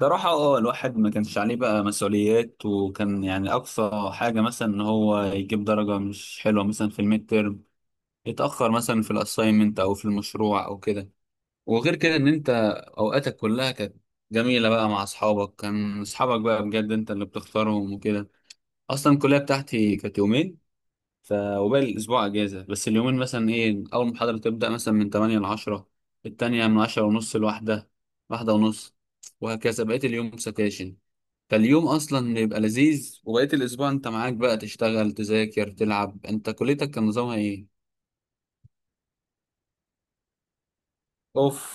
صراحة الواحد ما كانش عليه بقى مسؤوليات وكان يعني أقصى حاجة مثلا إن هو يجيب درجة مش حلوة مثلا في الميد تيرم، يتأخر مثلا في الأساينمنت أو في المشروع أو كده. وغير كده إن أنت أوقاتك كلها كانت جميلة بقى مع أصحابك، كان أصحابك بقى بجد أنت اللي بتختارهم وكده. أصلا الكلية بتاعتي كانت يومين، وباقي الاسبوع اجازه، بس اليومين مثلا ايه، اول محاضره تبدا مثلا من 8 ل 10، التانية من 10 ونص لواحدة، واحدة ونص، وهكذا بقيت اليوم سكاشن. فاليوم اصلا بيبقى لذيذ وبقيت الاسبوع انت معاك بقى تشتغل، تذاكر، تلعب. انت كليتك كان نظامها ايه؟ اوف.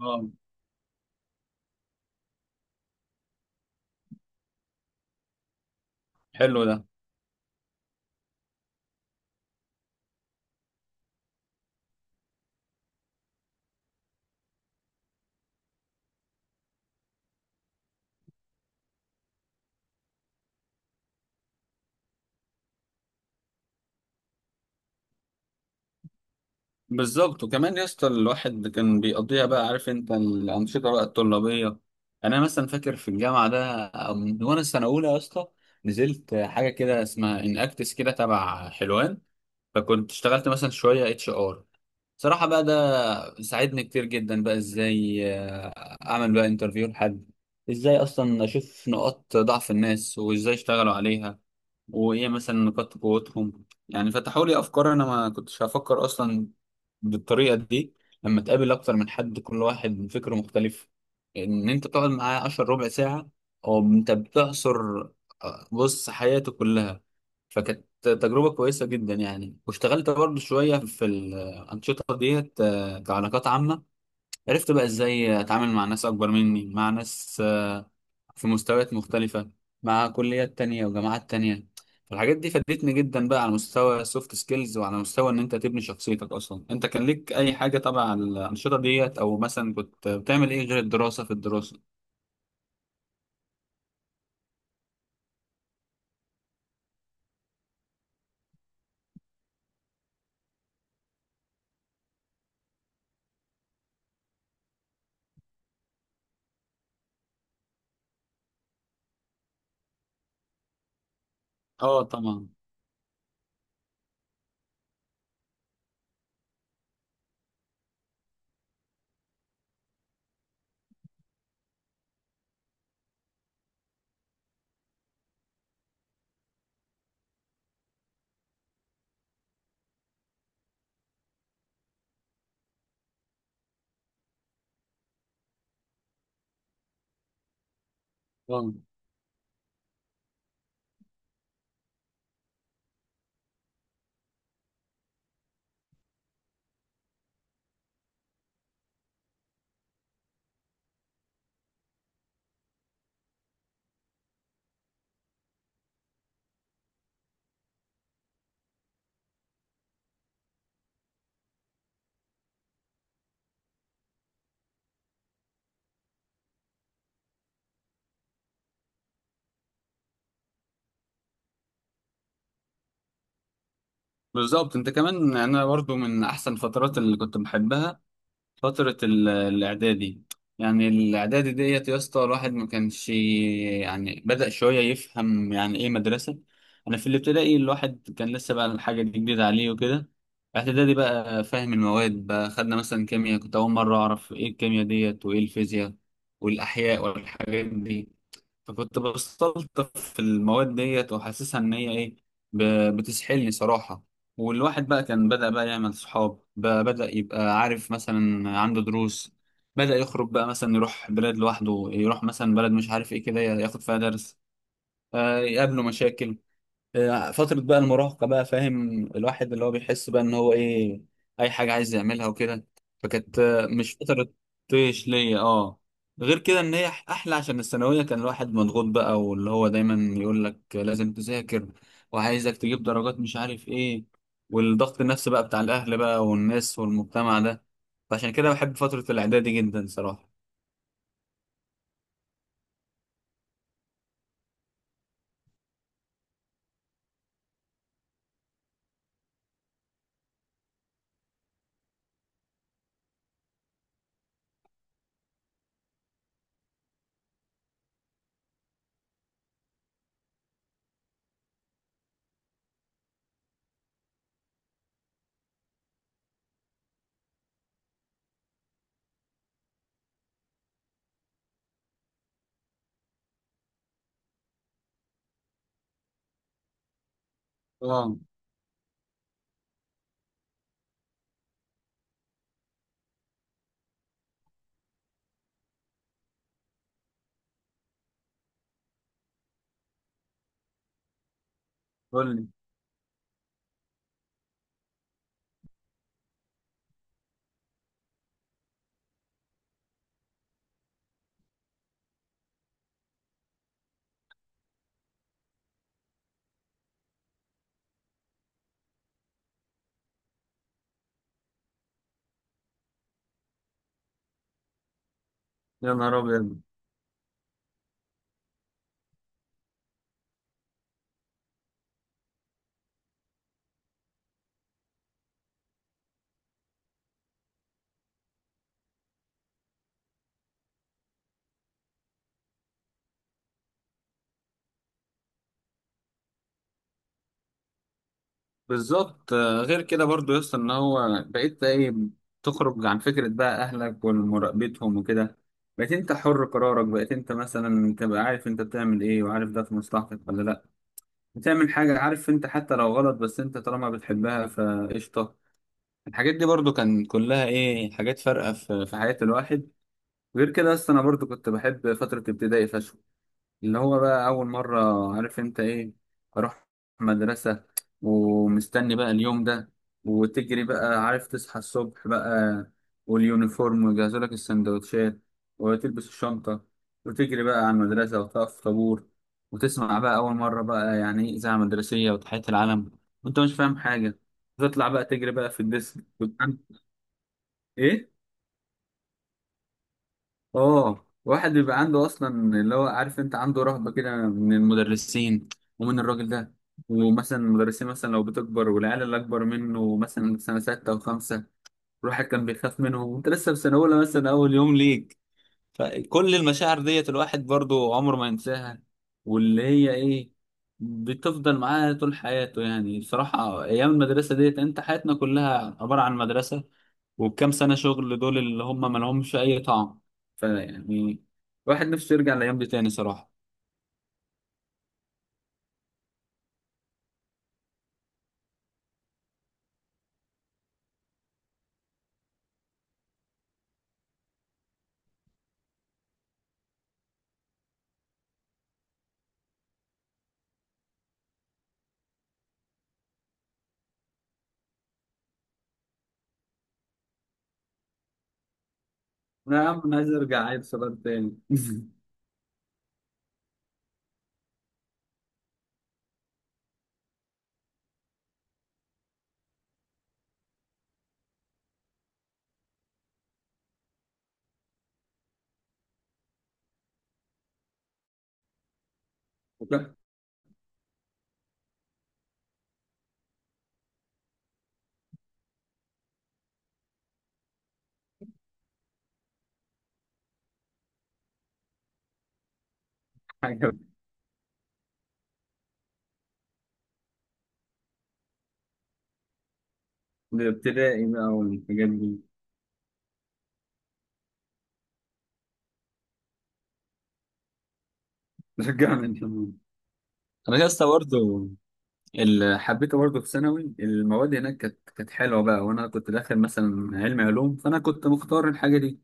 اه. حلو ده. بالظبط، وكمان يا اسطى الواحد كان بيقضيها بقى، عارف انت الانشطه بقى الطلابيه. يعني انا مثلا فاكر في الجامعه ده من وانا السنه اولى يا اسطى، نزلت حاجه كده اسمها ان اكتس كده تبع حلوان، فكنت اشتغلت مثلا شويه اتش ار. صراحة بقى ده ساعدني كتير جدا بقى، ازاي اعمل بقى انترفيو لحد، ازاي اصلا اشوف نقاط ضعف الناس وازاي اشتغلوا عليها، وايه مثلا نقاط قوتهم. يعني فتحوا لي افكار انا ما كنتش هفكر اصلا بالطريقة دي. لما تقابل اكتر من حد كل واحد فكره مختلف، ان انت تقعد معاه عشر ربع ساعة او انت بتعصر بص حياته كلها. فكانت تجربة كويسة جدا يعني، واشتغلت برضو شوية في الأنشطة ديت كعلاقات عامة. عرفت بقى إزاي أتعامل مع ناس أكبر مني، مع ناس في مستويات مختلفة، مع كليات تانية وجامعات تانية. فالحاجات دي فادتني جدا بقى على مستوى السوفت سكيلز، وعلى مستوى إن أنت تبني شخصيتك أصلا. أنت كان ليك أي حاجة تبع على الأنشطة ديت، أو مثلا كنت بتعمل إيه غير الدراسة في الدراسة؟ اه طبعا. طبعاً. بالظبط، انت كمان انا برضو من احسن الفترات اللي كنت بحبها فترة الإعدادي. يعني الإعدادي ديت يا اسطى الواحد ما كانش، يعني بدأ شوية يفهم يعني إيه مدرسة. أنا في الابتدائي الواحد كان لسه بقى الحاجة دي جديدة عليه وكده. إعدادي بقى فاهم المواد، بقى خدنا مثلا كيمياء، كنت أول مرة أعرف إيه الكيمياء ديت وإيه الفيزياء والأحياء والحاجات دي. فكنت بستلطف في المواد ديت وحاسسها ان هي ايه، بتسحلني صراحة. والواحد بقى كان بدأ بقى يعمل صحاب، بدأ يبقى عارف مثلا عنده دروس، بدأ يخرج بقى مثلا يروح بلاد لوحده، يروح مثلا بلد مش عارف ايه كده ياخد فيها درس، يقابله مشاكل. فترة بقى المراهقة، بقى فاهم الواحد اللي هو بيحس بقى ان هو ايه، اي حاجة عايز يعملها وكده. فكانت مش فترة طيش ليا اه. غير كده ان هي احلى، عشان الثانوية كان الواحد مضغوط بقى، واللي هو دايما يقول لك لازم تذاكر وعايزك تجيب درجات مش عارف ايه، والضغط النفسي بقى بتاع الاهل بقى والناس والمجتمع ده. فعشان كده بحب فترة الاعدادي جدا صراحة. اه. قول لي. يا نهار ابيض. بالظبط. غير كده برضو يا اسطى ان هو بقيت ايه، تخرج عن فكره بقى اهلك ومراقبتهم وكده، بقيت انت حر قرارك، بقيت انت مثلا تبقى عارف انت بتعمل ايه، وعارف ده في مصلحتك ولا لا، بتعمل حاجه عارف انت حتى لو غلط، بس انت طالما بتحبها فقشطه. الحاجات دي برضو كان كلها ايه، حاجات فارقه في حياه الواحد. غير كده اصلا انا برضو كنت بحب فتره ابتدائي فشخ. اللي هو بقى أول مرة، عارف أنت إيه، أروح مدرسة، ومستني بقى اليوم ده، وتجري بقى، عارف تصحى الصبح بقى واليونيفورم ويجهزوا لك السندوتشات، وتلبس الشنطة، وتجري بقى على المدرسة وتقف في طابور، وتسمع بقى أول مرة بقى يعني إيه إذاعة مدرسية وتحية العلم وأنت مش فاهم حاجة، وتطلع بقى تجري بقى في الديسك وتعمل. إيه؟ اه واحد بيبقى عنده اصلا اللي هو عارف انت عنده رهبه كده من المدرسين، ومن الراجل ده، ومثلا المدرسين مثلا لو بتكبر، والعيال اللي اكبر منه مثلا سنه سته وخمسه، الواحد كان بيخاف منهم وانت لسه في سنه اولى مثلا اول يوم ليك. فكل المشاعر ديت الواحد برضو عمره ما ينساها، واللي هي ايه، بتفضل معاه طول حياته. يعني بصراحه ايام المدرسه ديت انت، حياتنا كلها عباره عن مدرسه، والكام سنة شغل دول اللي هم ما لهمش أي طعم. فيعني الواحد نفسه يرجع الأيام دي تاني صراحة. أنا يا عم أنا عايز أرجع عيل صغير تاني وكل حاجة من الابتدائي بقى والحاجات دي. رجعنا الجنون. أنا لسه برضه اللي حبيته برضه في ثانوي المواد، هناك كانت حلوة بقى، وأنا كنت داخل مثلا علمي علوم، فأنا كنت مختار الحاجة دي،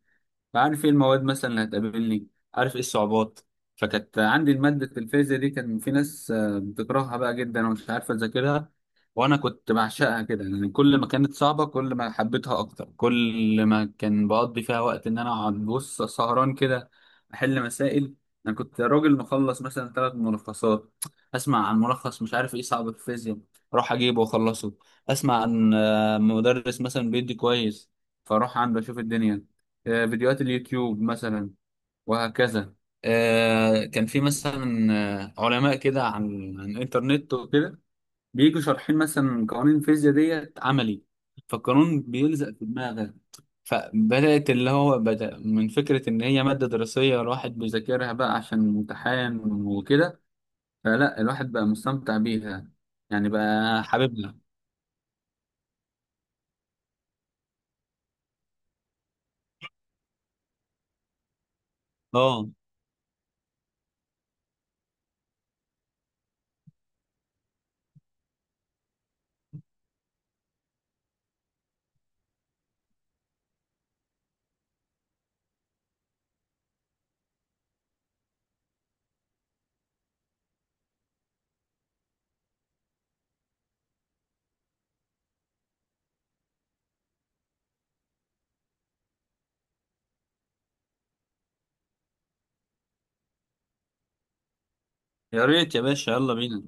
عارف ايه المواد مثلا اللي هتقابلني، عارف ايه الصعوبات. فكانت عندي المادة الفيزياء دي، كان في ناس بتكرهها بقى جدا ومش عارفة تذاكرها، وانا كنت بعشقها كده. يعني كل ما كانت صعبة كل ما حبيتها اكتر، كل ما كان بقضي فيها وقت ان انا اقعد بص سهران كده احل مسائل. انا كنت راجل مخلص مثلا ثلاث ملخصات، اسمع عن ملخص مش عارف ايه صعب في الفيزياء اروح اجيبه واخلصه، اسمع عن مدرس مثلا بيدي كويس فاروح عنده اشوف الدنيا، فيديوهات اليوتيوب مثلا، وهكذا. كان في مثلا علماء كده عن الانترنت وكده، بيجوا شارحين مثلا قوانين الفيزياء ديت عملي، فالقانون بيلزق في دماغك. فبدأت اللي هو بدأ من فكرة إن هي مادة دراسية الواحد بيذاكرها بقى عشان امتحان وكده، فلا الواحد بقى مستمتع بيها، يعني بقى حاببها. اه. يا ريت يا باشا، يلا بينا.